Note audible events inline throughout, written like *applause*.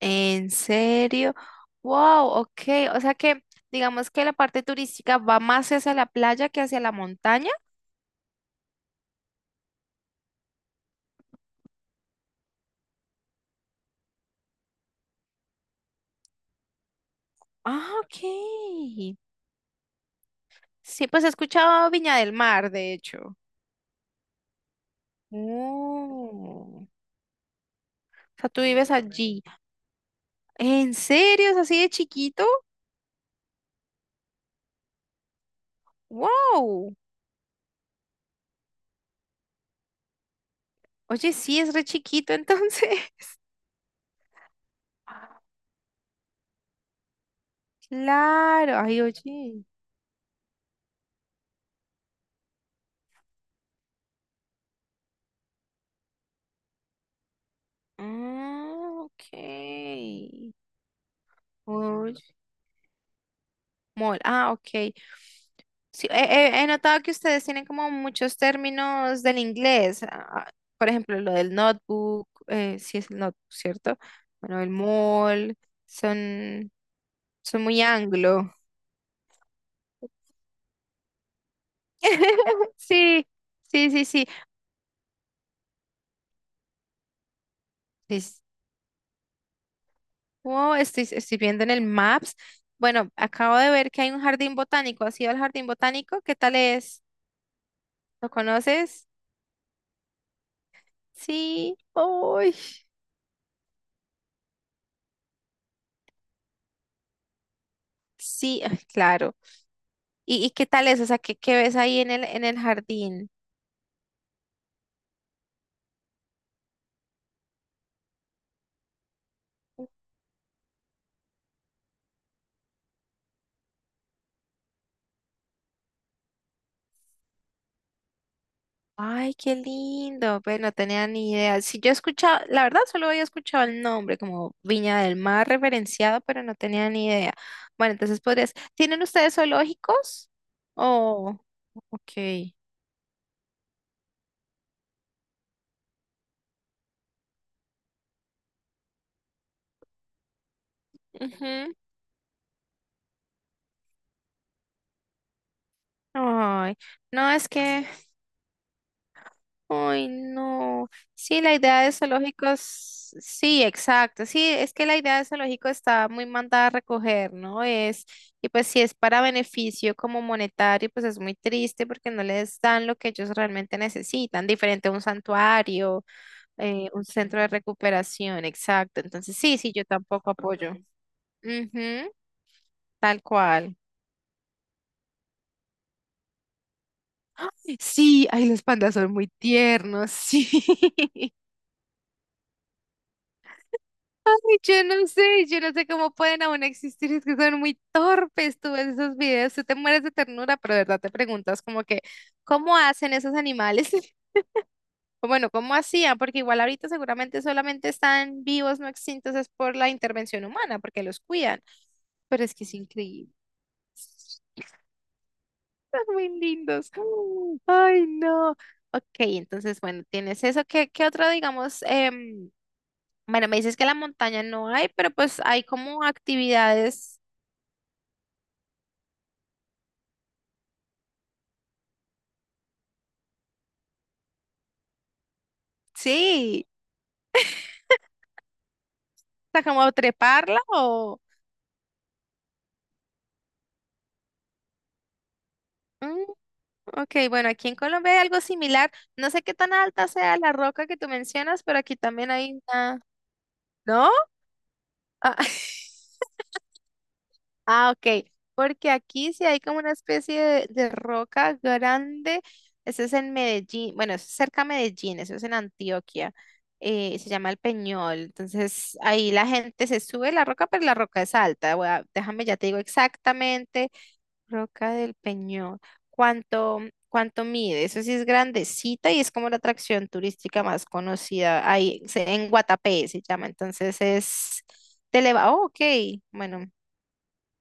¿En serio? Wow, ok. O sea que digamos que la parte turística va más hacia la playa que hacia la montaña. Ah, ok. Sí, pues he escuchado Viña del Mar, de hecho. Oh, o sea, tú vives allí. ¿En serio? ¿Es así de chiquito? Wow. Oye, sí, es re chiquito entonces. *laughs* Claro. Ay, oye. Ah, ok. Oye, mall. Ah, ok. Sí, he notado que ustedes tienen como muchos términos del inglés. Por ejemplo, lo del notebook, sí es el notebook, ¿cierto? Bueno, el mall, son, son muy anglo. *laughs* Sí, sí, sí, sí. Dis- Oh, estoy viendo en el Maps. Bueno, acabo de ver que hay un jardín botánico. ¿Has ido al jardín botánico? ¿Qué tal es? ¿Lo conoces? Sí. Uy. Sí, ay, claro. ¿Y qué tal es? O sea, ¿qué ves ahí en el jardín? Ay, qué lindo. Pues no tenía ni idea. Si yo he escuchado, la verdad solo había escuchado el nombre como Viña del Mar referenciado, pero no tenía ni idea. Bueno, entonces podrías. ¿Tienen ustedes zoológicos? Oh, ok. Ujú. Ay, no, es que ay, no. Sí, la idea de zoológicos, sí, exacto. Sí, es que la idea de zoológico está muy mandada a recoger, ¿no? Es, y pues si es para beneficio como monetario, pues es muy triste porque no les dan lo que ellos realmente necesitan, diferente a un santuario, un centro de recuperación, exacto. Entonces, sí, sí, yo tampoco apoyo. Ujú, tal cual. Sí, ay, los pandas son muy tiernos, sí. *laughs* Yo no sé cómo pueden aún existir, es que son muy torpes, tú ves esos videos, tú te mueres de ternura, pero de verdad te preguntas como que, ¿cómo hacen esos animales? *laughs* O bueno, ¿cómo hacían? Porque igual ahorita seguramente solamente están vivos, no extintos, es por la intervención humana, porque los cuidan, pero es que es increíble, son muy lindos. *gasps* Ay, no. Ok, entonces, bueno, tienes eso, ¿qué otro, digamos, bueno, me dices que la montaña no hay, pero pues hay como actividades. Sí, o sea, como treparla o… Mm, ok, bueno, aquí en Colombia hay algo similar. No sé qué tan alta sea la roca que tú mencionas, pero aquí también hay una… ¿No? Ah, *laughs* ok, porque aquí sí hay como una especie de roca grande. Eso es en Medellín, bueno, eso es cerca a Medellín, eso es en Antioquia. Se llama el Peñol. Entonces ahí la gente se sube la roca, pero la roca es alta. Déjame, ya te digo exactamente. Roca del Peñón. ¿Cuánto, cuánto mide? Eso sí es grandecita y es como la atracción turística más conocida ahí en Guatapé se llama. Entonces es te eleva. Oh, ok. Bueno,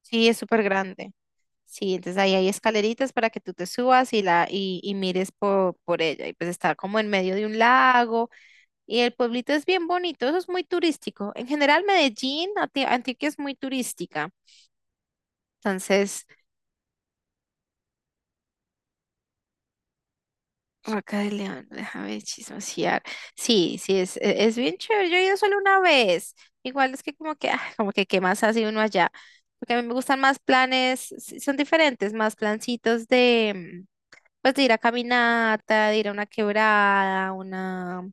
sí, es súper grande. Sí, entonces ahí hay escaleritas para que tú te subas y mires por ella. Y pues está como en medio de un lago y el pueblito es bien bonito. Eso es muy turístico. En general, Medellín, Antioquia es muy turística. Entonces, Vaca de León, déjame chismosear. Sí, sí, es bien chévere. Yo he ido solo una vez. Igual es que como que qué más hace uno allá. Porque a mí me gustan más planes, sí, son diferentes, más plancitos de, mm, pues de ir a caminata, de ir a una quebrada,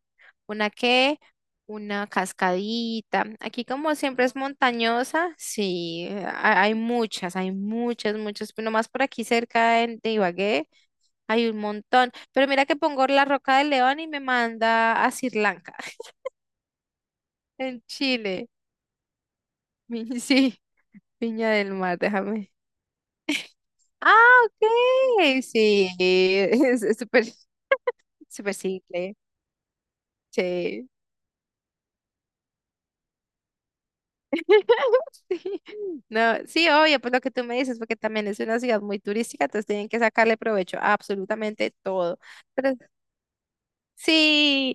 una qué, una cascadita. Aquí como siempre es montañosa, sí, hay muchas, pero más por aquí cerca de Ibagué. Hay un montón. Pero mira que pongo la Roca del León y me manda a Sri Lanka, *laughs* en Chile. *laughs* Sí, Viña del Mar, déjame. Ah, ok. Sí, es súper, súper simple. Sí. *laughs* Sí. No, sí, obvio, pues lo que tú me dices, porque también es una ciudad muy turística, entonces tienen que sacarle provecho a absolutamente todo. pero Sí,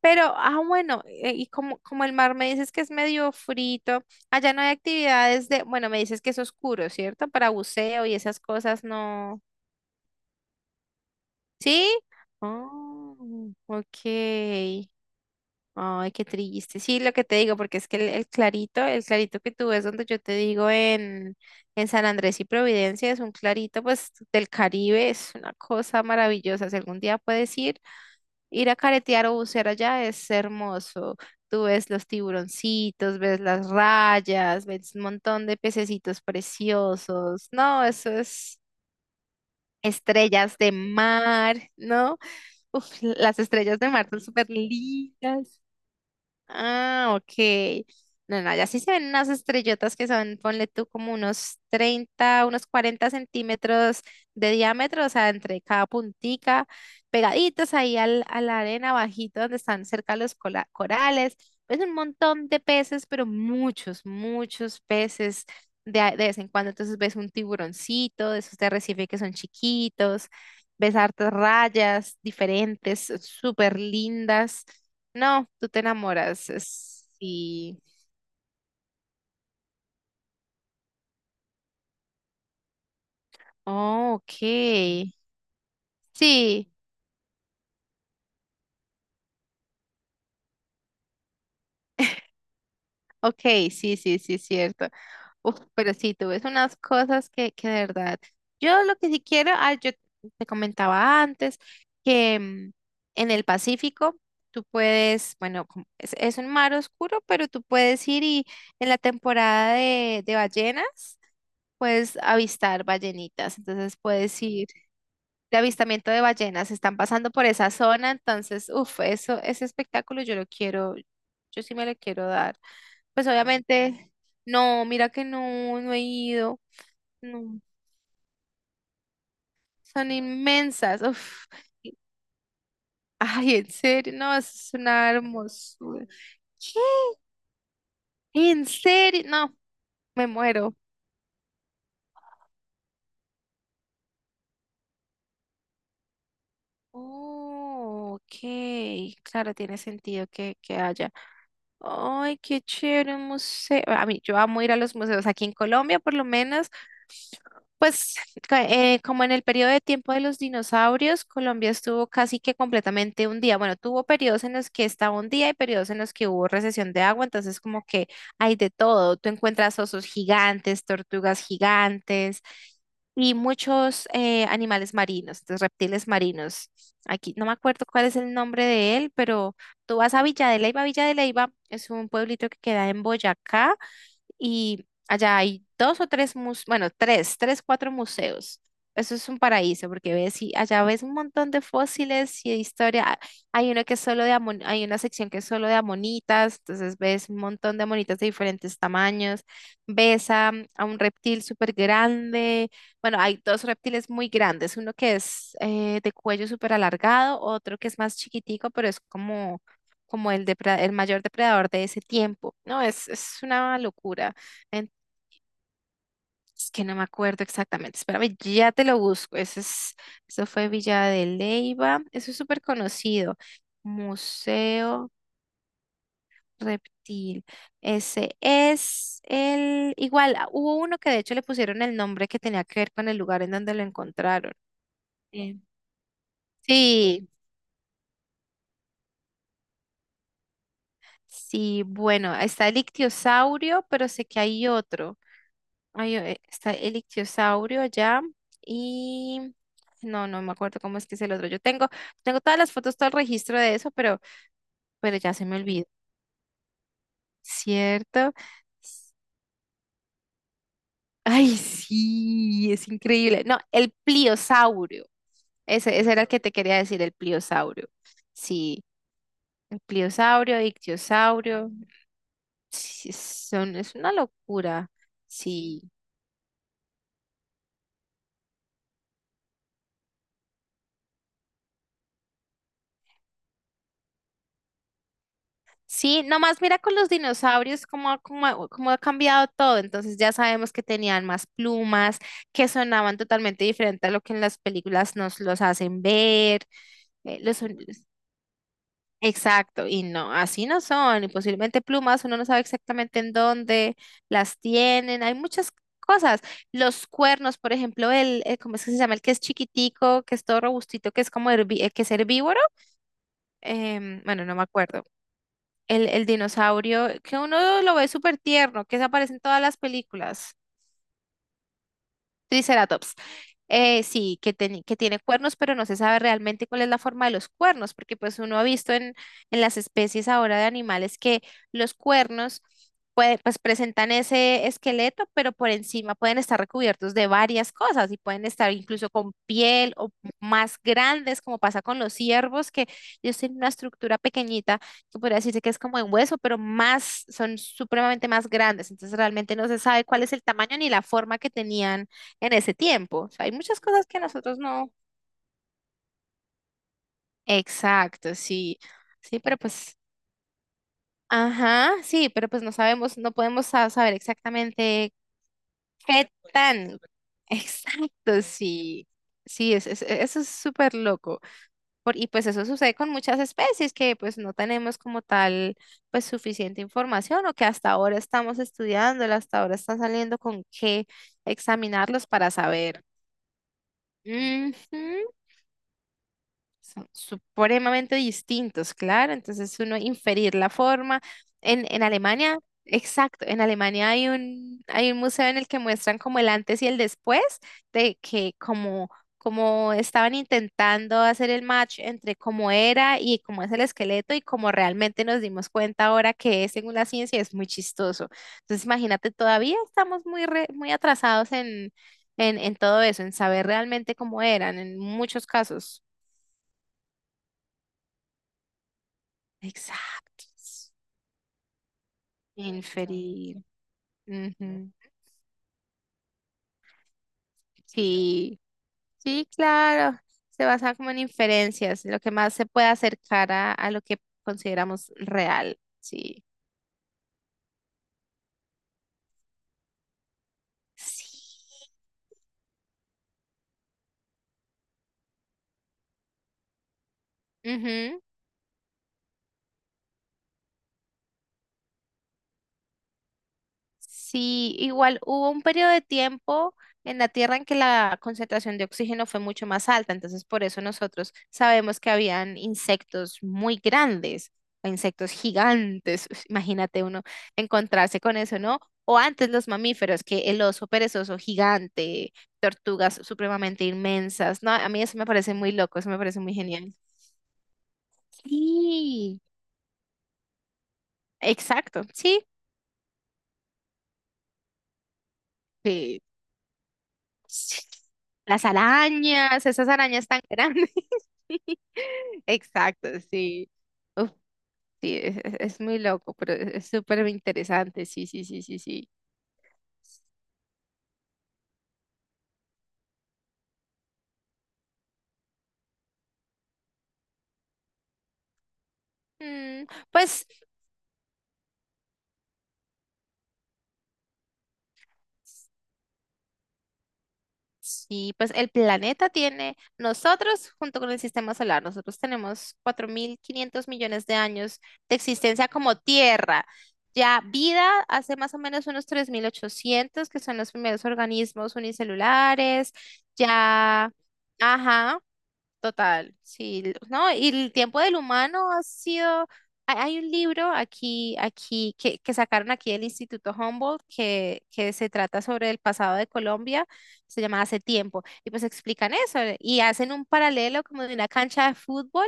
pero, bueno, y como el mar me dices que es medio frito, allá no hay actividades de, bueno, me dices que es oscuro, ¿cierto? Para buceo y esas cosas, no. ¿Sí? Oh, ok. Ay, qué triste. Sí, lo que te digo, porque es que el clarito que tú ves donde yo te digo en San Andrés y Providencia, es un clarito, pues, del Caribe, es una cosa maravillosa. Si algún día puedes ir. Ir a caretear o bucear allá es hermoso. Tú ves los tiburoncitos, ves las rayas, ves un montón de pececitos preciosos. No, eso es estrellas de mar, ¿no? Uf, las estrellas de mar son súper lindas. Ah, ok. No, no, ya sí se ven unas estrellotas que son, ponle tú como unos 30, unos 40 centímetros de diámetro, o sea, entre cada puntica, pegaditos ahí a la arena bajito donde están cerca los corales. Pues un montón de peces, pero muchos, muchos peces de vez en cuando. Entonces ves un tiburoncito, de esos de arrecife que son chiquitos, ves hartas rayas diferentes, súper lindas. No, tú te enamoras. Sí. Oh, ok. Sí, ok, sí, sí, sí, cierto. Uf, pero sí, tú ves unas cosas que de verdad. Yo lo que sí quiero, yo te comentaba antes que en el Pacífico tú puedes, bueno, como es un mar oscuro, pero tú puedes ir y en la temporada de ballenas puedes avistar ballenitas. Entonces puedes ir. De avistamiento de ballenas, están pasando por esa zona, entonces, uff, eso, ese espectáculo yo lo quiero, yo sí me lo quiero dar. Pues obviamente, no, mira que no, no he ido, no, son inmensas, uff. Ay, en serio, no, eso es una hermosura. ¿Qué? ¿En serio? No, me muero. Oh, ok, claro, tiene sentido que, haya. Ay, qué chévere un museo. A mí, yo amo ir a los museos. Aquí en Colombia, por lo menos, pues como en el periodo de tiempo de los dinosaurios, Colombia estuvo casi que completamente un día. Bueno, tuvo periodos en los que estaba un día y periodos en los que hubo recesión de agua. Entonces, como que hay de todo. Tú encuentras osos gigantes, tortugas gigantes y muchos animales marinos, entonces reptiles marinos. Aquí no me acuerdo cuál es el nombre de él, pero… Tú vas a Villa de Leyva. Villa de Leyva es un pueblito que queda en Boyacá y allá hay dos o tres museos, bueno, tres, tres, cuatro museos. Eso es un paraíso porque ves y allá ves un montón de fósiles y de historia. Hay una sección que es solo de amonitas, entonces ves un montón de amonitas de diferentes tamaños. Ves a un reptil súper grande. Bueno, hay dos reptiles muy grandes, uno que es de cuello súper alargado, otro que es más chiquitico, pero es como el mayor depredador de ese tiempo. No, es una locura. En- es que no me acuerdo exactamente. Espérame, ya te lo busco. Eso es, eso fue Villa de Leyva. Eso es súper conocido. Museo Reptil. Ese es el… Igual, hubo uno que de hecho le pusieron el nombre que tenía que ver con el lugar en donde lo encontraron. Eh, Sí, sí, bueno, está el ictiosaurio, pero sé que hay otro. Ay, está el ictiosaurio allá y no, no me acuerdo cómo es que es el otro. Yo tengo todas las fotos, todo el registro de eso, pero ya se me olvidó, ¿cierto? S- Ay, sí, es increíble. No, el pliosaurio. Ese era el que te quería decir, el pliosaurio. Sí, el pliosaurio, ictiosaurio. Sí, son, es una locura. Sí. Sí, nomás mira con los dinosaurios cómo ha cambiado todo. Entonces ya sabemos que tenían más plumas, que sonaban totalmente diferente a lo que en las películas nos los hacen ver. eh, los son- exacto, y no, así no son. Y posiblemente plumas, uno no sabe exactamente en dónde las tienen. Hay muchas cosas. Los cuernos, por ejemplo, ¿cómo es que se llama? El que es chiquitico, que es todo robustito, que es como que es herbívoro. Bueno, no me acuerdo el, dinosaurio, que uno lo ve súper tierno, que se aparece en todas las películas. Triceratops. Sí, que tiene cuernos, pero no se sabe realmente cuál es la forma de los cuernos, porque pues uno ha visto en las especies ahora de animales que los cuernos pues presentan ese esqueleto, pero por encima pueden estar recubiertos de varias cosas y pueden estar incluso con piel o más grandes, como pasa con los ciervos, que ellos tienen una estructura pequeñita que podría decirse que es como en hueso, pero más, son supremamente más grandes, entonces realmente no se sabe cuál es el tamaño ni la forma que tenían en ese tiempo. O sea, hay muchas cosas que nosotros no. Exacto, sí. Sí, pero pues, ajá, sí, pero pues no sabemos, no podemos saber exactamente qué tan. *laughs* Exacto, sí. Sí, eso es súper loco. Y pues eso sucede con muchas especies que pues no tenemos como tal pues suficiente información o que hasta ahora estamos estudiando, hasta ahora están saliendo con qué examinarlos para saber. Ujú. Son supremamente distintos, claro. Entonces uno inferir la forma. En, en Alemania, exacto, en Alemania hay hay un museo en el que muestran como el antes y el después de que como estaban intentando hacer el match entre cómo era y cómo es el esqueleto y cómo realmente nos dimos cuenta ahora que es según la ciencia, es muy chistoso. Entonces imagínate, todavía estamos muy, muy atrasados en todo eso, en saber realmente cómo eran en muchos casos. Exacto. Inferir. Ujú. Sí, sí, claro. Se basa como en inferencias, lo que más se puede acercar a lo que consideramos real. Sí. Sí. Sí, igual hubo un periodo de tiempo en la Tierra en que la concentración de oxígeno fue mucho más alta, entonces por eso nosotros sabemos que habían insectos muy grandes, insectos gigantes, *laughs* imagínate uno encontrarse con eso, ¿no? O antes los mamíferos, que el oso perezoso gigante, tortugas supremamente inmensas, ¿no? A mí eso me parece muy loco, eso me parece muy genial. Sí, exacto, sí. Sí. Las arañas, esas arañas tan grandes. *laughs* Exacto, sí. Uf, sí, es muy loco, pero es súper interesante. Sí, sí, sí, sí, sí. Mm, pues. Sí, pues el planeta tiene, nosotros junto con el sistema solar, nosotros tenemos 4.500 millones de años de existencia como Tierra. Ya vida hace más o menos unos 3.800 que son los primeros organismos unicelulares. Ya, ajá, total, sí, no, y el tiempo del humano ha sido, hay un libro aquí, que sacaron aquí del Instituto Humboldt, que se trata sobre el pasado de Colombia, se llama Hace tiempo, y pues explican eso, y hacen un paralelo como de una cancha de fútbol,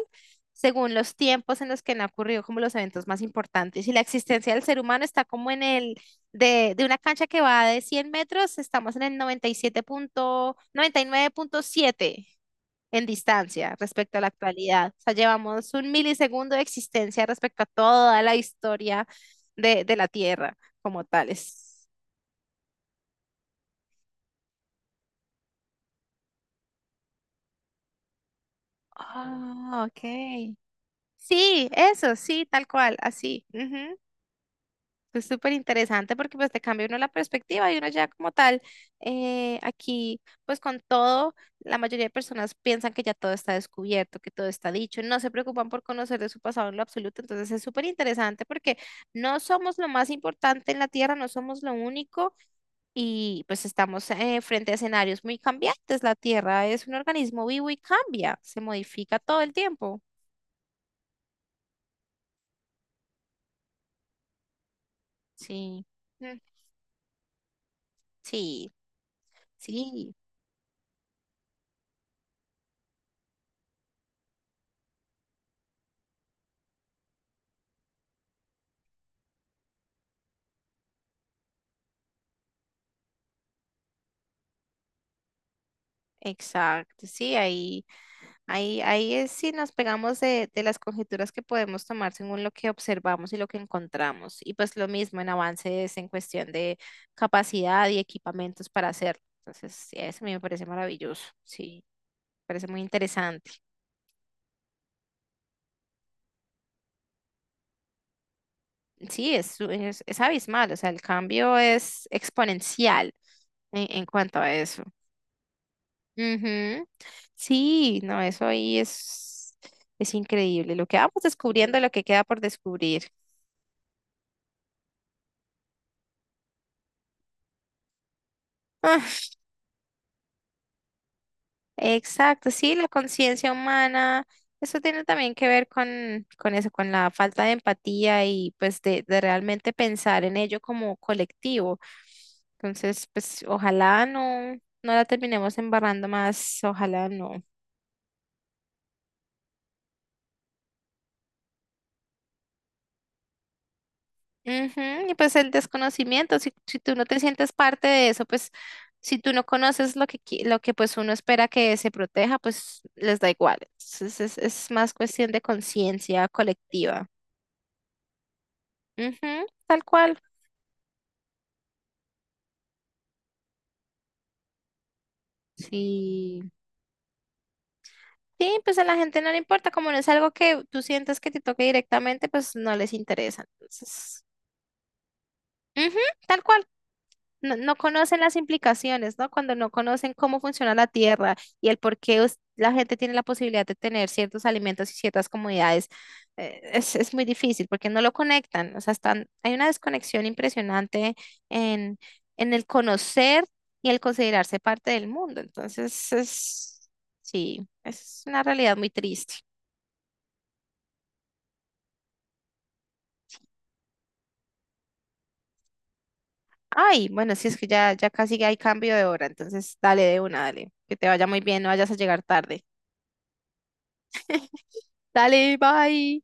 según los tiempos en los que han ocurrido como los eventos más importantes, y la existencia del ser humano está como en el, de una cancha que va de 100 metros, estamos en el 97 punto, 99,7 en distancia respecto a la actualidad. O sea, llevamos un milisegundo de existencia respecto a toda la historia de la Tierra como tales. Ah, ok. Sí, eso, sí, tal cual, así. Ujú. Es súper interesante porque pues te cambia uno la perspectiva y uno ya como tal, aquí pues con todo, la mayoría de personas piensan que ya todo está descubierto, que todo está dicho, no se preocupan por conocer de su pasado en lo absoluto, entonces es súper interesante porque no somos lo más importante en la Tierra, no somos lo único y pues estamos frente a escenarios muy cambiantes, la Tierra es un organismo vivo y cambia, se modifica todo el tiempo. Sí, mm, sí, sí. Exacto, sí, ahí es si nos pegamos de las conjeturas que podemos tomar según lo que observamos y lo que encontramos. Y pues lo mismo en avances en cuestión de capacidad y equipamientos para hacerlo. Entonces, sí, eso a mí me parece maravilloso. Sí, parece muy interesante. Sí, es abismal. O sea, el cambio es exponencial en cuanto a eso. Ujú. Sí, no, eso ahí es increíble. Lo que vamos descubriendo, lo que queda por descubrir. Ah, exacto, sí, la conciencia humana, eso tiene también que ver con eso, con la falta de empatía y pues de realmente pensar en ello como colectivo. Entonces, pues ojalá no, no la terminemos embarrando más, ojalá no. Ujú. Y pues el desconocimiento, si tú no te sientes parte de eso, pues si tú no conoces lo que, lo que pues uno espera que se proteja, pues les da igual. Entonces es más cuestión de conciencia colectiva. Ujú, tal cual. Sí. Sí, pues a la gente no le importa, como no es algo que tú sientas que te toque directamente, pues no les interesa. Entonces, ujú, tal cual. No, no conocen las implicaciones, ¿no? Cuando no conocen cómo funciona la tierra y el por qué la gente tiene la posibilidad de tener ciertos alimentos y ciertas comodidades, es muy difícil porque no lo conectan. O sea, hay una desconexión impresionante en, en el conocer y el considerarse parte del mundo. Entonces, sí, es una realidad muy triste. Ay, bueno, sí, es que ya casi hay cambio de hora, entonces dale de una, dale. Que te vaya muy bien, no vayas a llegar tarde. Dale, bye.